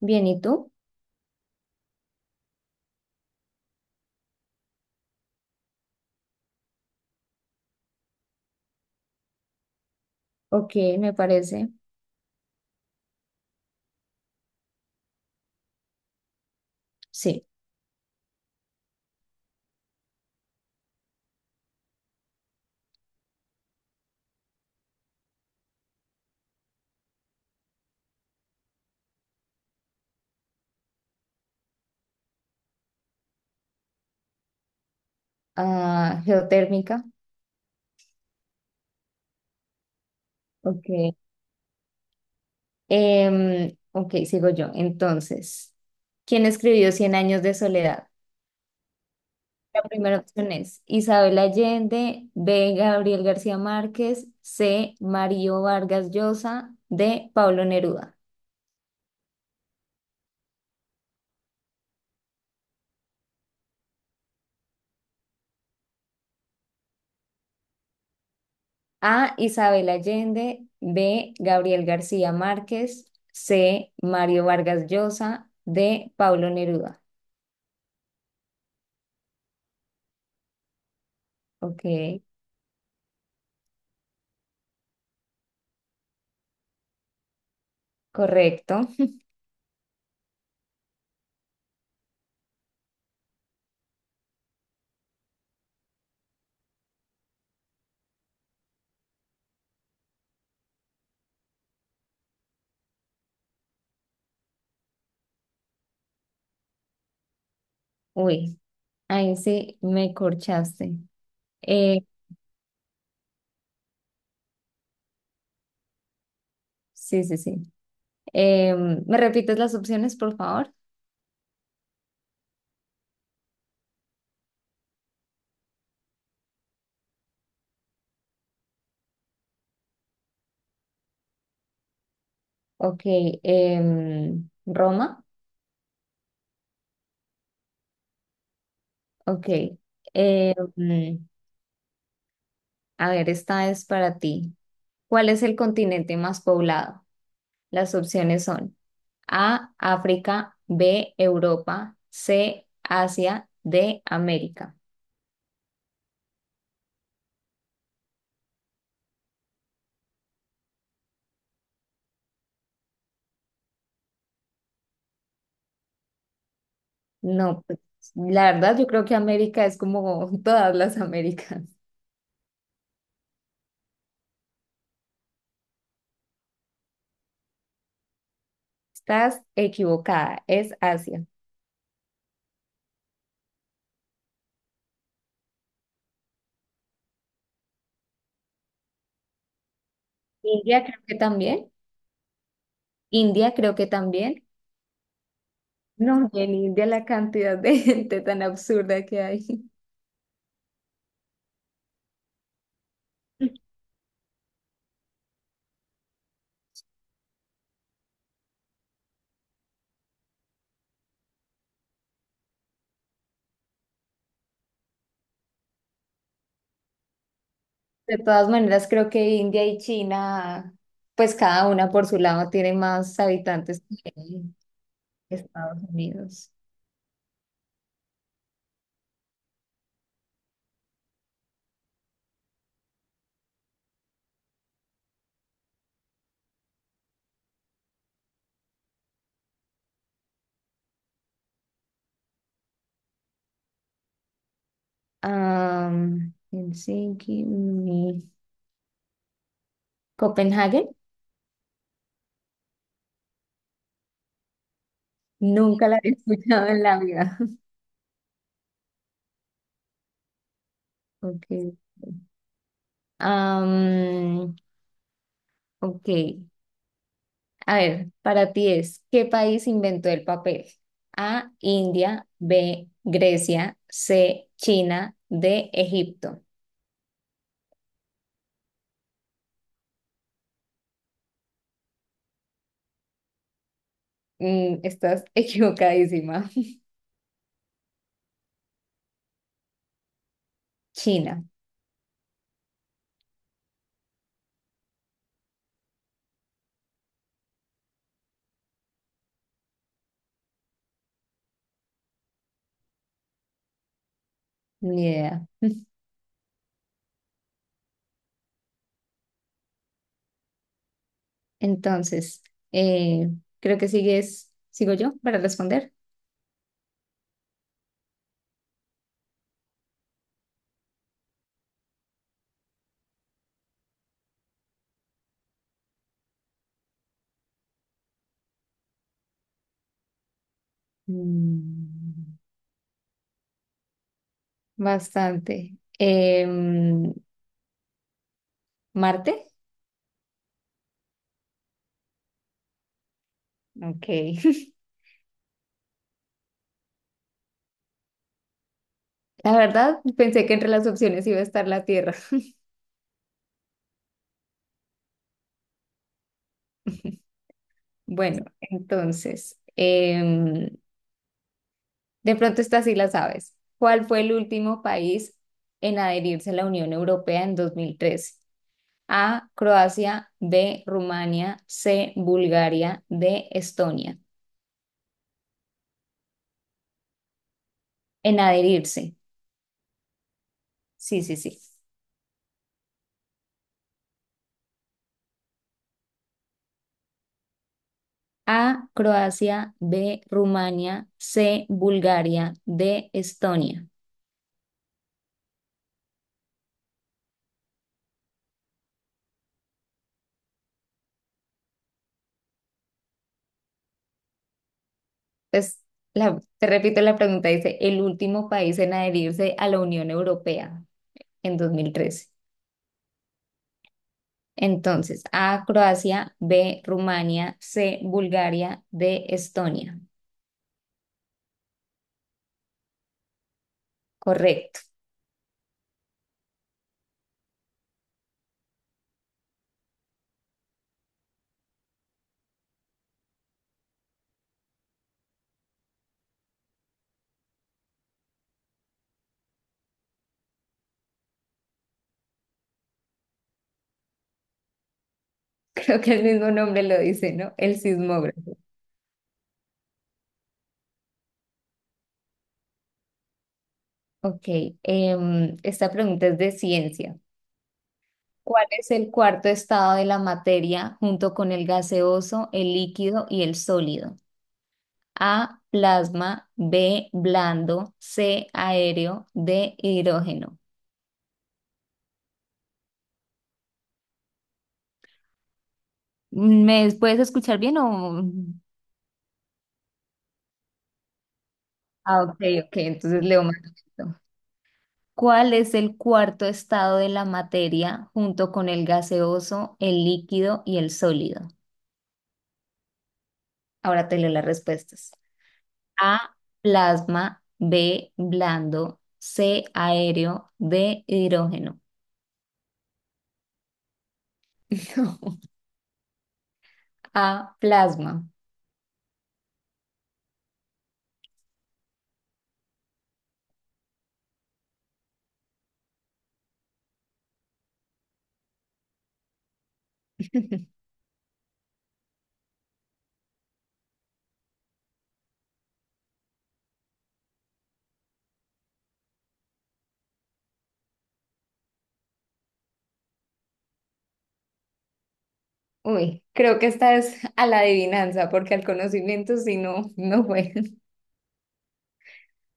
Bien, ¿y tú? Ok, me parece. Sí. Ah, geotérmica. Ok. Ok, sigo yo. Entonces, ¿quién escribió Cien años de soledad? La primera opción es Isabel Allende, B. Gabriel García Márquez, C. Mario Vargas Llosa, D. Pablo Neruda. A. Isabel Allende, B. Gabriel García Márquez, C. Mario Vargas Llosa, D. Pablo Neruda. Ok, correcto. Uy, ahí sí me corchaste. Eh, sí, sí, sí. ¿Me repites las opciones, por favor? Ok, em, Roma. Ok. Em, a ver, esta es para ti. ¿Cuál es el continente más poblado? Las opciones son A, África, B, Europa, C, Asia, D, América. No, pues, la verdad yo creo que América es como todas las Américas. Estás equivocada, es Asia. India creo que también. India creo que también. No, y en India la cantidad de gente tan absurda que hay. De todas maneras, creo que India y China, pues cada una por su lado tiene más habitantes que Estados Unidos. Am, Helsinki, mm, Copenhague, nunca la había escuchado en la vida. Okay. Ok. Am, ok, a ver, para ti es, ¿qué país inventó el papel? A, India, B, Grecia, C, China, D, Egipto. Mm, estás equivocadísima. China, ni idea. Entonces, eh, creo que sigo yo para responder. Mm, bastante. Marte. Ok. La verdad, pensé que entre las opciones iba a estar la Tierra. Bueno, entonces, de pronto esta sí la sabes. ¿Cuál fue el último país en adherirse a la Unión Europea en 2013? A, Croacia, B, Rumania, C, Bulgaria, D, Estonia. En adherirse. Sí, sí, sí. A, Croacia, B, Rumania, C, Bulgaria, D, Estonia. Entonces, te repito la pregunta, dice, el último país en adherirse a la Unión Europea en 2013. Entonces, A, Croacia, B, Rumania, C, Bulgaria, D, Estonia. Correcto. Creo que el mismo nombre lo dice, ¿no? El sismógrafo. Ok, em, esta pregunta es de ciencia. ¿Cuál es el cuarto estado de la materia junto con el gaseoso, el líquido y el sólido? A, plasma, B, blando, C, aéreo, D, hidrógeno. ¿Me puedes escuchar bien o...? Ah, ok, ok, entonces leo más lento. ¿Cuál es el cuarto estado de la materia junto con el gaseoso, el líquido y el sólido? Ahora te leo las respuestas. A, plasma, B, blando, C, aéreo, D, hidrógeno. No. A, plasma. Uy, creo que esta es a la adivinanza, porque al conocimiento si no, no fue.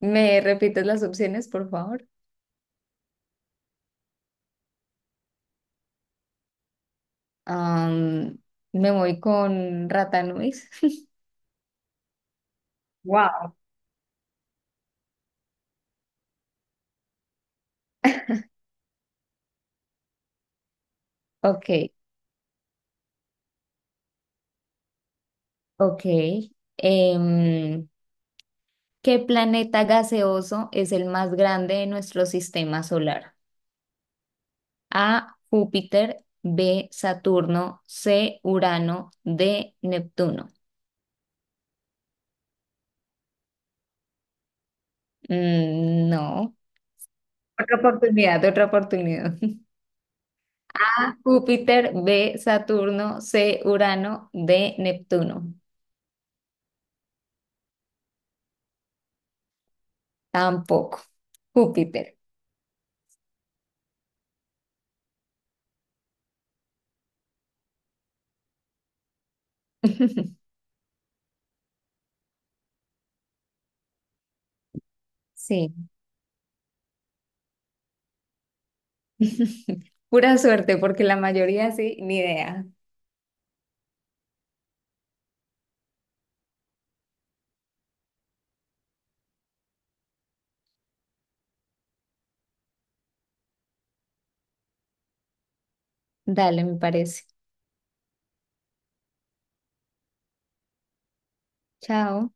¿Me repites las opciones, por favor? Am, me voy con Ratanuis. Wow. Ok. Ok. Em, ¿Qué planeta gaseoso es el más grande de nuestro sistema solar? A, Júpiter, B, Saturno, C, Urano, D, Neptuno. Mm, no. Otra oportunidad, otra oportunidad. A, Júpiter, B, Saturno, C, Urano, D, Neptuno. Tampoco. Júpiter. Sí. Pura suerte, porque la mayoría sí, ni idea. Dale, me parece. Chao.